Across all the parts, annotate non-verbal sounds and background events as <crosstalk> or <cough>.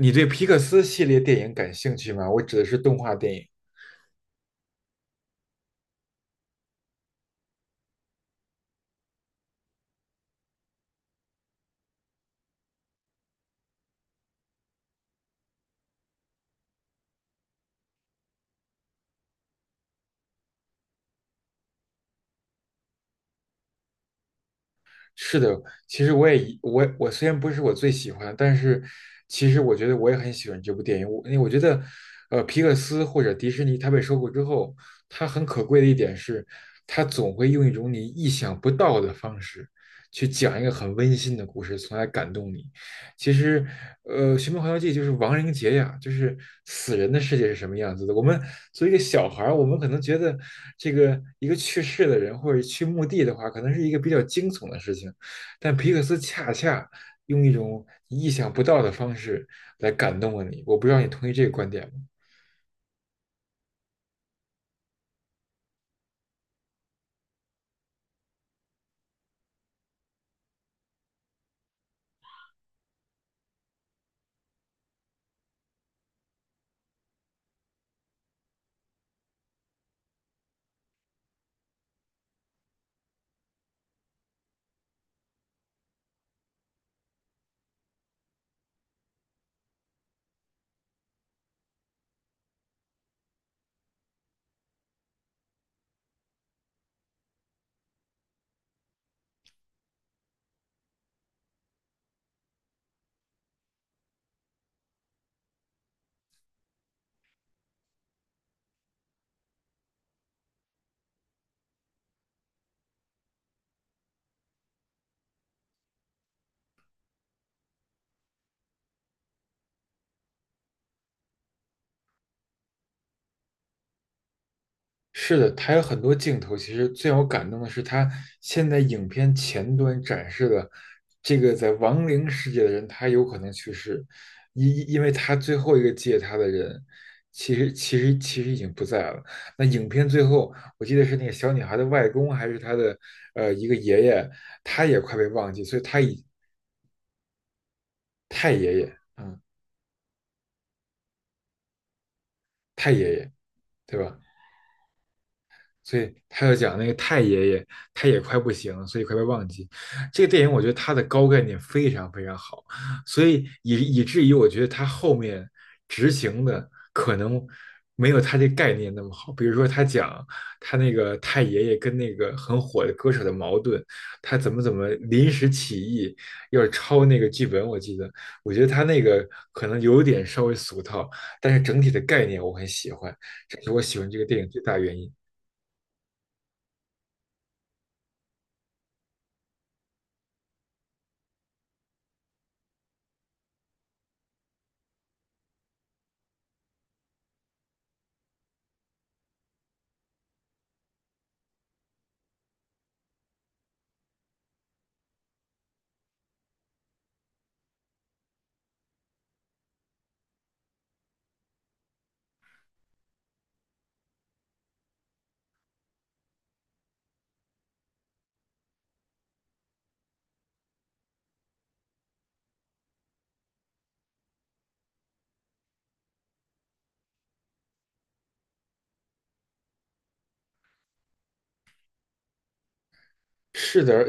你对皮克斯系列电影感兴趣吗？我指的是动画电影。是的，其实我也一我我虽然不是我最喜欢，但是其实我觉得我也很喜欢这部电影。我因为我觉得，皮克斯或者迪士尼它被收购之后，它很可贵的一点是，它总会用一种你意想不到的方式去讲一个很温馨的故事，从而感动你。其实，寻梦环游记》就是亡灵节呀，就是死人的世界是什么样子的。我们作为一个小孩儿，我们可能觉得这个一个去世的人或者去墓地的话，可能是一个比较惊悚的事情，但皮克斯恰恰用一种意想不到的方式来感动了你。我不知道你同意这个观点吗？是的，他有很多镜头。其实最让我感动的是，他现在影片前端展示的这个在亡灵世界的人，他有可能去世，因为他最后一个接他的人，其实已经不在了。那影片最后，我记得是那个小女孩的外公还是她的一个爷爷，他也快被忘记，所以他以太爷爷，嗯，太爷爷，对吧？所以他要讲那个太爷爷，他也快不行了，所以快被忘记。这个电影我觉得它的高概念非常非常好，所以以以至于我觉得他后面执行的可能没有他这概念那么好。比如说他讲他那个太爷爷跟那个很火的歌手的矛盾，他怎么临时起意要抄那个剧本，我记得，我觉得他那个可能有点稍微俗套，但是整体的概念我很喜欢，这是我喜欢这个电影最大原因。是的，而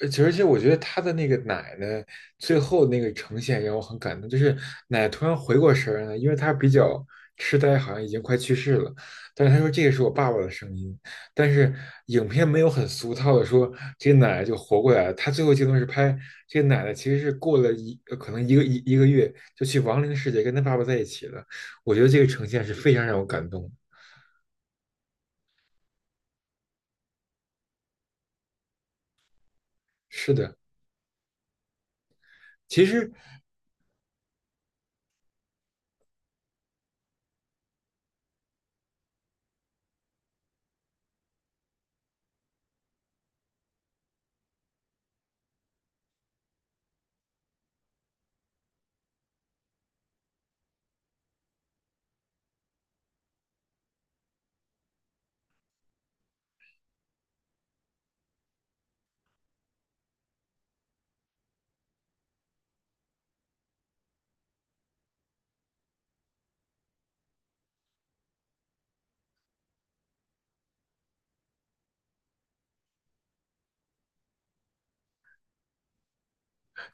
而且而且，我觉得他的那个奶奶最后那个呈现让我很感动，就是奶奶突然回过神儿来，因为她比较痴呆，好像已经快去世了。但是她说这个是我爸爸的声音，但是影片没有很俗套的说这个奶奶就活过来了。她最后镜头是拍这个奶奶其实是过了可能一个月就去亡灵世界跟他爸爸在一起了。我觉得这个呈现是非常让我感动的。是的，其实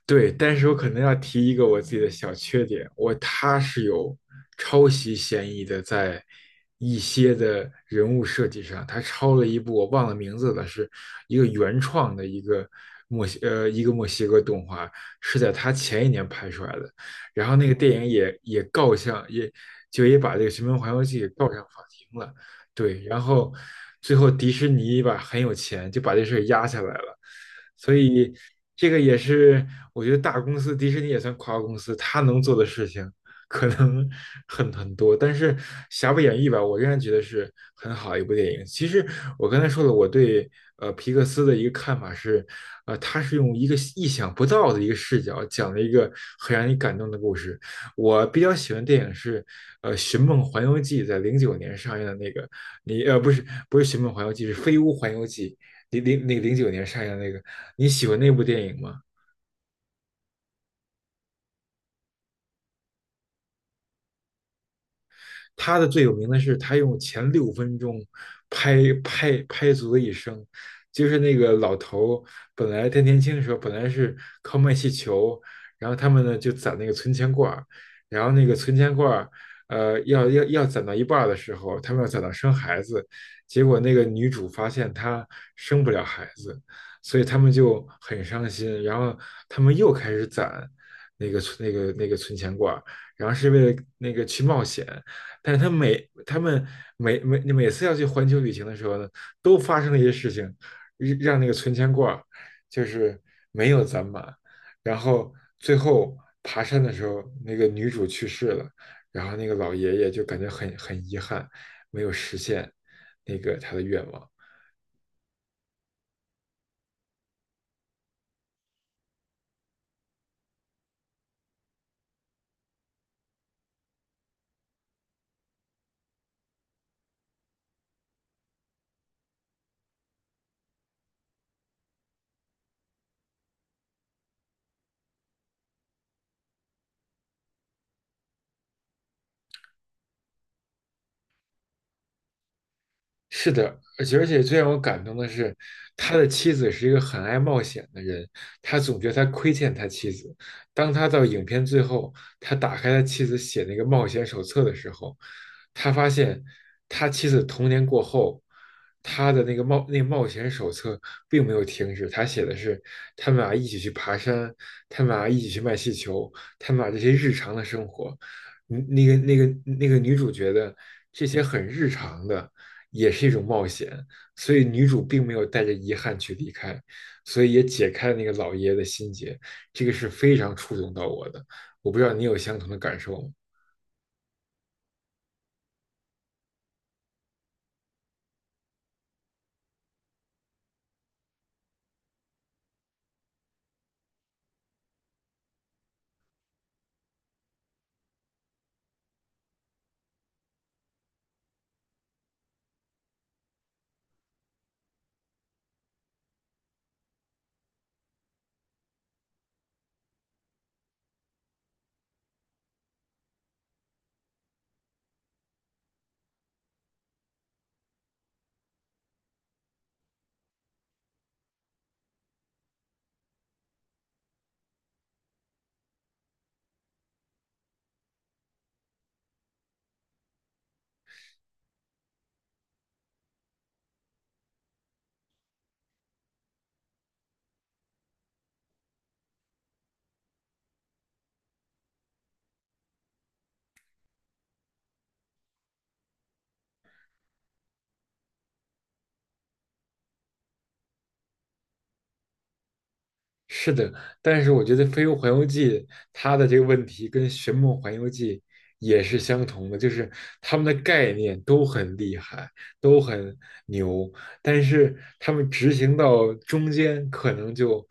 对，但是我可能要提一个我自己的小缺点，我他是有抄袭嫌疑的，在一些的人物设计上，他抄了一部我忘了名字了，是一个原创的一个一个墨西哥动画，是在他前一年拍出来的，然后那个电影也也告上也就也把这个《寻梦环游记》给告上法庭了，对，然后最后迪士尼吧很有钱，就把这事儿压下来了，所以这个也是我觉得大公司迪士尼也算跨国公司，它能做的事情可能很多，但是瑕不掩瑜吧，我仍然觉得是很好一部电影。其实我刚才说了，我对皮克斯的一个看法是，他是用一个意想不到的一个视角讲了一个很让你感动的故事。我比较喜欢电影是，寻梦环游记》在零九年上映的那个，不是不是《寻梦环游记》，是《飞屋环游记》，零零那个零九年上映的那个，你喜欢那部电影吗？他的最有名的是他用前6分钟拍拍足了一生，就是那个老头本来他年轻的时候本来是靠卖气球，然后他们呢就攒那个存钱罐儿，然后那个存钱罐儿，要攒到一半儿的时候，他们要攒到生孩子，结果那个女主发现她生不了孩子，所以他们就很伤心，然后他们又开始攒那个存那个那个存钱罐儿，然后是为了那个去冒险，但是他们每次要去环球旅行的时候呢，都发生了一些事情，让那个存钱罐儿就是没有攒满，然后最后爬山的时候，那个女主去世了，然后那个老爷爷就感觉很遗憾，没有实现那个他的愿望。是的，而且最让我感动的是，他的妻子是一个很爱冒险的人，他总觉得他亏欠他妻子。当他到影片最后，他打开他妻子写那个冒险手册的时候，他发现他妻子童年过后，他的那个冒险手册并没有停止，他写的是他们俩一起去爬山，他们俩一起去卖气球，他们俩这些日常的生活。嗯那个那个女主觉得这些很日常的也是一种冒险，所以女主并没有带着遗憾去离开，所以也解开了那个老爷爷的心结，这个是非常触动到我的。我不知道你有相同的感受吗？是的，但是我觉得《飞屋环游记》它的这个问题跟《寻梦环游记》也是相同的，就是他们的概念都很厉害，都很牛，但是他们执行到中间可能就，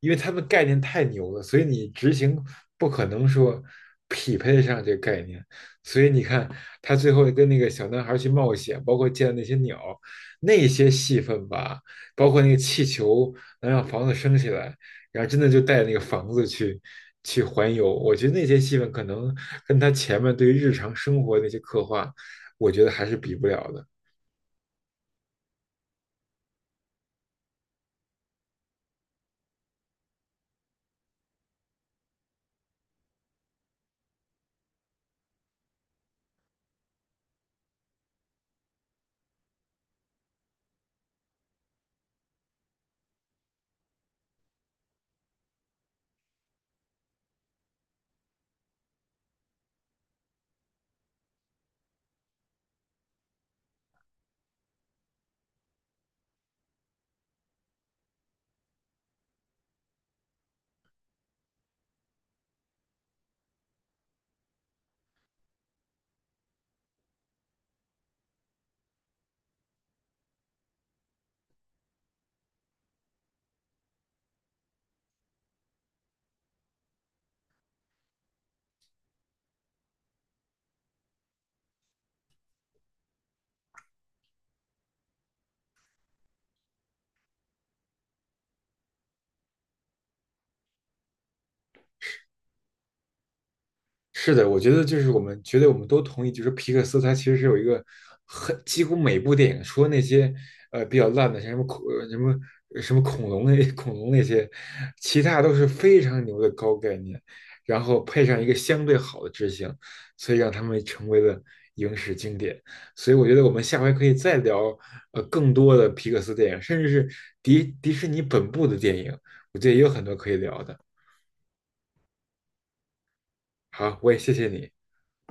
因为他们概念太牛了，所以你执行不可能说匹配得上这个概念，所以你看他最后跟那个小男孩去冒险，包括见那些鸟，那些戏份吧，包括那个气球能让房子升起来。然后真的就带那个房子去去环游。我觉得那些戏份可能跟他前面对于日常生活那些刻画，我觉得还是比不了的。是的，我觉得就是我们觉得我们都同意，就是皮克斯它其实是有一个很几乎每部电影，除了那些比较烂的，像什么恐龙那 <laughs> 恐龙那些，其他都是非常牛的高概念，然后配上一个相对好的执行，所以让他们成为了影史经典。所以我觉得我们下回可以再聊更多的皮克斯电影，甚至是迪士尼本部的电影，我觉得也有很多可以聊的。好，我也谢谢你。